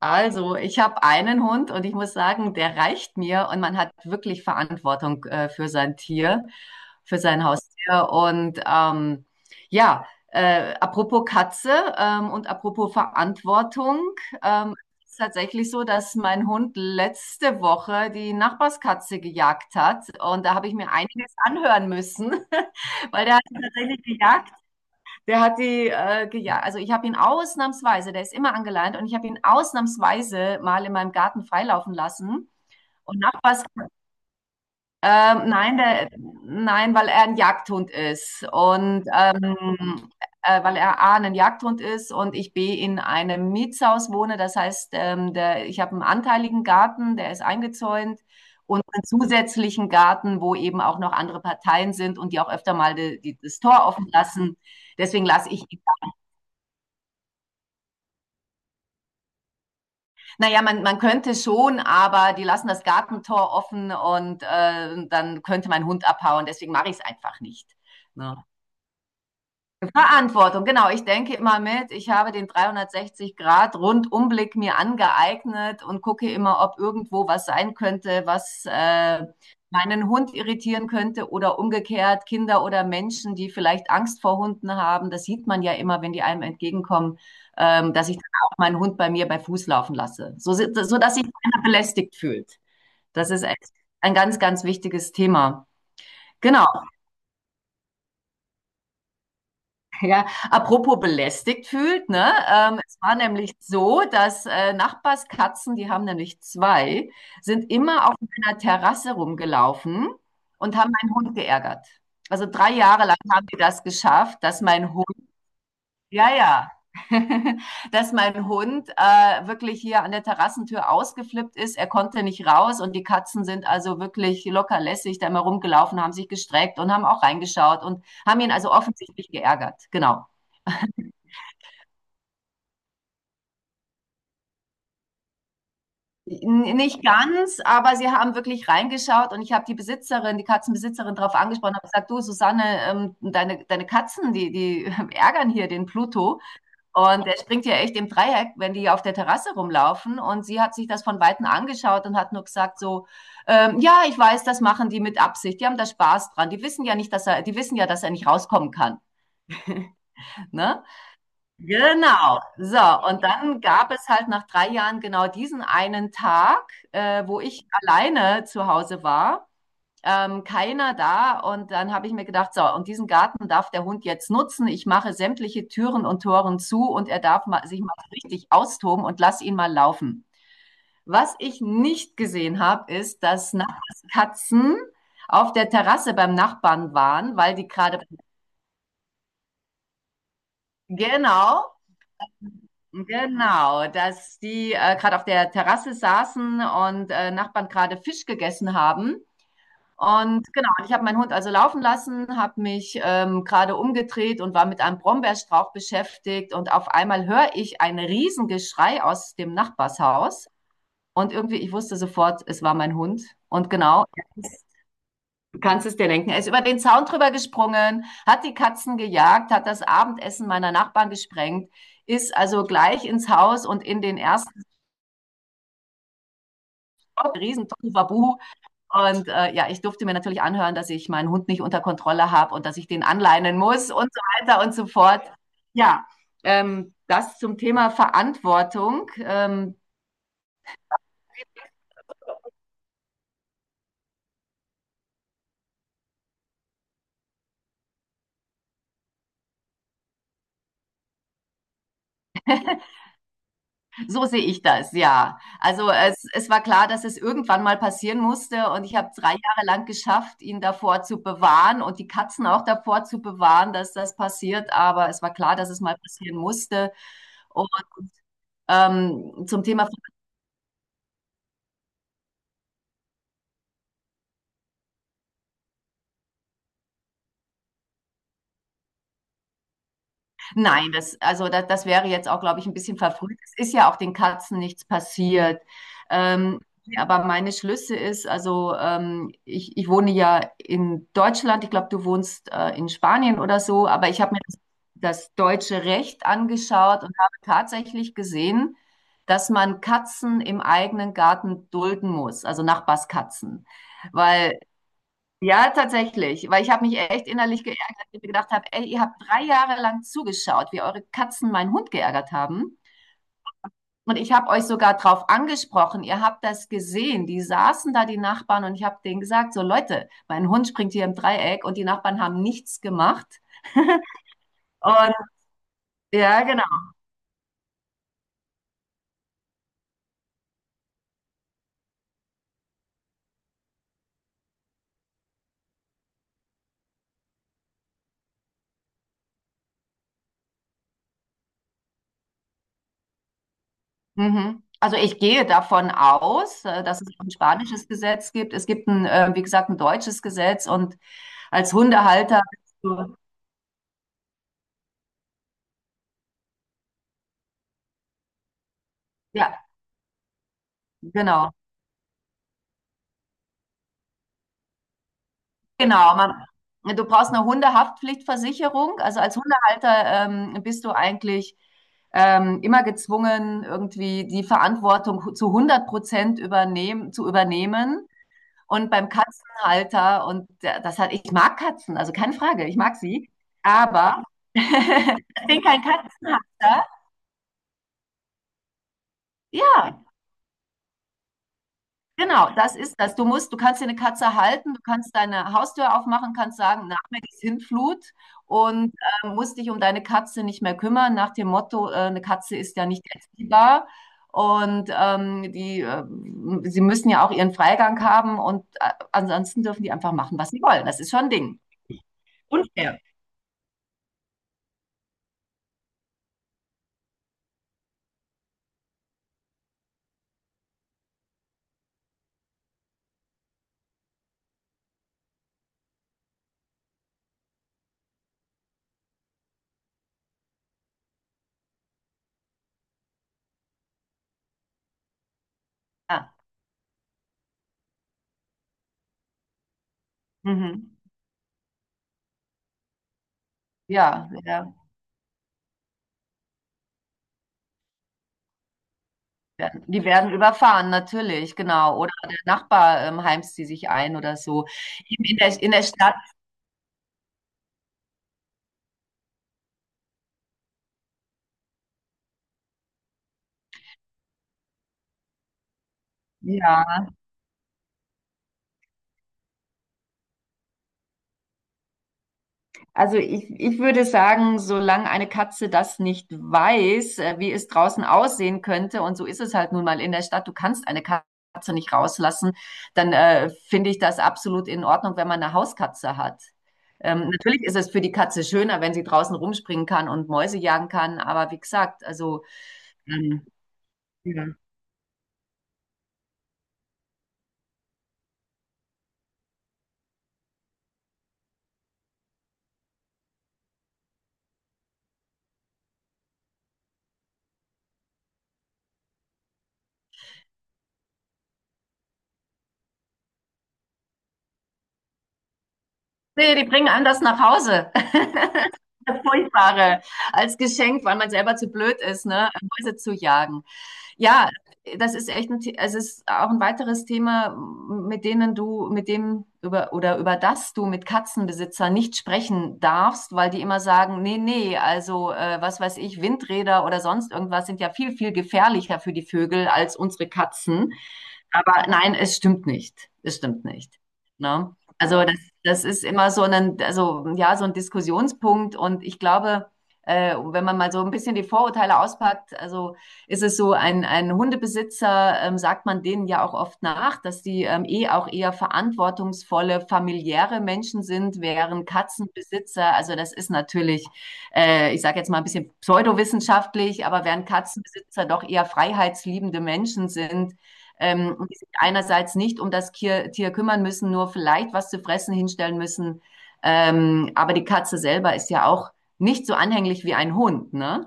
Also, ich habe einen Hund und ich muss sagen, der reicht mir und man hat wirklich Verantwortung für sein Tier, für sein Haustier. Und ja, apropos Katze, und apropos Verantwortung, ähm, es ist tatsächlich so, dass mein Hund letzte Woche die Nachbarskatze gejagt hat und da habe ich mir einiges anhören müssen, weil der hat sie tatsächlich gejagt. Der hat die gejagt. Also ich habe ihn ausnahmsweise, der ist immer angeleint, und ich habe ihn ausnahmsweise mal in meinem Garten freilaufen lassen. Und Nachbars, nein, nein, weil er ein Jagdhund ist und weil er A, ein Jagdhund ist und ich B, in einem Mietshaus wohne. Das heißt, ich habe einen anteiligen Garten, der ist eingezäunt und einen zusätzlichen Garten, wo eben auch noch andere Parteien sind und die auch öfter mal das Tor offen lassen. Deswegen lasse ich ihn. Naja, man könnte schon, aber die lassen das Gartentor offen und dann könnte mein Hund abhauen. Deswegen mache ich es einfach nicht. Ne? Verantwortung, genau. Ich denke immer mit, ich habe den 360-Grad-Rundumblick mir angeeignet und gucke immer, ob irgendwo was sein könnte, was meinen Hund irritieren könnte oder umgekehrt Kinder oder Menschen, die vielleicht Angst vor Hunden haben. Das sieht man ja immer, wenn die einem entgegenkommen, dass ich dann auch meinen Hund bei mir bei Fuß laufen lasse, so, so dass sich keiner belästigt fühlt. Das ist echt ein ganz, ganz wichtiges Thema. Genau. Ja, apropos belästigt fühlt, ne? Es war nämlich so, dass Nachbarskatzen, die haben nämlich zwei, sind immer auf meiner Terrasse rumgelaufen und haben meinen Hund geärgert. Also 3 Jahre lang haben die das geschafft, dass mein Hund, ja, ja, dass mein Hund wirklich hier an der Terrassentür ausgeflippt ist. Er konnte nicht raus und die Katzen sind also wirklich locker lässig da immer rumgelaufen, haben sich gestreckt und haben auch reingeschaut und haben ihn also offensichtlich geärgert. Genau. N nicht ganz, aber sie haben wirklich reingeschaut und ich habe die Besitzerin, die Katzenbesitzerin drauf angesprochen, habe gesagt: „Du Susanne, deine Katzen, die ärgern hier den Pluto und der springt ja echt im Dreieck, wenn die auf der Terrasse rumlaufen.“ Und sie hat sich das von Weitem angeschaut und hat nur gesagt so: Ja, ich weiß, das machen die mit Absicht. Die haben da Spaß dran. Die wissen ja nicht, dass er die wissen ja, dass er nicht rauskommen kann“, ne? Genau. So, und dann gab es halt nach 3 Jahren genau diesen einen Tag, wo ich alleine zu Hause war, keiner da. Und dann habe ich mir gedacht, so, und diesen Garten darf der Hund jetzt nutzen. Ich mache sämtliche Türen und Toren zu und er darf mal, sich mal richtig austoben und lass ihn mal laufen. Was ich nicht gesehen habe, ist, dass Nachbarskatzen auf der Terrasse beim Nachbarn waren, weil die gerade, genau, Genau, dass die gerade auf der Terrasse saßen und Nachbarn gerade Fisch gegessen haben. Und genau, und ich habe meinen Hund also laufen lassen, habe mich gerade umgedreht und war mit einem Brombeerstrauch beschäftigt. Und auf einmal höre ich ein Riesengeschrei aus dem Nachbarshaus. Und irgendwie, ich wusste sofort, es war mein Hund. Und genau, du kannst es dir denken. Er ist über den Zaun drüber gesprungen, hat die Katzen gejagt, hat das Abendessen meiner Nachbarn gesprengt, ist also gleich ins Haus und in den ersten Stock, riesen Babu. Und ja, ich durfte mir natürlich anhören, dass ich meinen Hund nicht unter Kontrolle habe und dass ich den anleinen muss und so weiter und so fort. Ja, das zum Thema Verantwortung. So sehe ich das, ja. Also es war klar, dass es irgendwann mal passieren musste und ich habe 3 Jahre lang geschafft, ihn davor zu bewahren und die Katzen auch davor zu bewahren, dass das passiert. Aber es war klar, dass es mal passieren musste. Und zum Thema Nein, also das wäre jetzt auch, glaube ich, ein bisschen verfrüht. Es ist ja auch den Katzen nichts passiert. Ähm, aber meine Schlüsse ist, also ich wohne ja in Deutschland, ich glaube, du wohnst in Spanien oder so, aber ich habe mir das deutsche Recht angeschaut und habe tatsächlich gesehen, dass man Katzen im eigenen Garten dulden muss, also Nachbarskatzen. Weil ja, tatsächlich, weil ich habe mich echt innerlich geärgert, weil ich mir gedacht habe, ey, ihr habt 3 Jahre lang zugeschaut, wie eure Katzen meinen Hund geärgert haben. Und ich habe euch sogar drauf angesprochen, ihr habt das gesehen. Die saßen da, die Nachbarn, und ich habe denen gesagt, so Leute, mein Hund springt hier im Dreieck und die Nachbarn haben nichts gemacht. Und ja, genau. Mhm. Also ich gehe davon aus, dass es ein spanisches Gesetz gibt. Es gibt wie gesagt, ein deutsches Gesetz und als Hundehalter bist du, ja, genau. Genau, du brauchst eine Hundehaftpflichtversicherung. Also als Hundehalter bist du eigentlich immer gezwungen, irgendwie die Verantwortung zu 100% übernehmen, zu übernehmen. Und beim Katzenhalter, das hat, ich mag Katzen, also keine Frage, ich mag sie. Aber ich bin kein Katzenhalter. Ja, genau, das ist das. Du musst, du kannst dir eine Katze halten, du kannst deine Haustür aufmachen, kannst sagen, nach mir die Sintflut und musst dich um deine Katze nicht mehr kümmern, nach dem Motto, eine Katze ist ja nicht erziehbar. Und sie müssen ja auch ihren Freigang haben und ansonsten dürfen die einfach machen, was sie wollen. Das ist schon ein Ding. Unfair. Ja, mhm. Ja, ja. Werden- Die werden überfahren, natürlich, genau. Oder der Nachbar heimst sie sich ein oder so. Eben in der Stadt, ja. Also ich würde sagen, solange eine Katze das nicht weiß, wie es draußen aussehen könnte, und so ist es halt nun mal in der Stadt, du kannst eine Katze nicht rauslassen, dann finde ich das absolut in Ordnung, wenn man eine Hauskatze hat. Natürlich ist es für die Katze schöner, wenn sie draußen rumspringen kann und Mäuse jagen kann, aber wie gesagt, also ähm, ja. Nee, die bringen anders nach Hause. Furchtbare als Geschenk, weil man selber zu blöd ist, ne, Mäuse zu jagen. Ja, das ist echt es ist auch ein weiteres Thema, mit dem über oder über das du mit Katzenbesitzern nicht sprechen darfst, weil die immer sagen, nee, nee, also was weiß ich, Windräder oder sonst irgendwas sind ja viel, viel gefährlicher für die Vögel als unsere Katzen. Aber nein, es stimmt nicht. Es stimmt nicht. Ne? Also das, das ist immer so ein, also ja, so ein Diskussionspunkt und ich glaube, wenn man mal so ein bisschen die Vorurteile auspackt, also ist es so, ein Hundebesitzer, sagt man denen ja auch oft nach, dass die eh auch eher verantwortungsvolle, familiäre Menschen sind, während Katzenbesitzer, also das ist natürlich, ich sage jetzt mal ein bisschen pseudowissenschaftlich, aber während Katzenbesitzer doch eher freiheitsliebende Menschen sind, die sich einerseits nicht um das Tier kümmern müssen, nur vielleicht was zu fressen hinstellen müssen, aber die Katze selber ist ja auch nicht so anhänglich wie ein Hund, ne?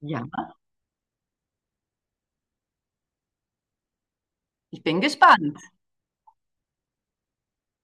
Ja. Ich bin gespannt.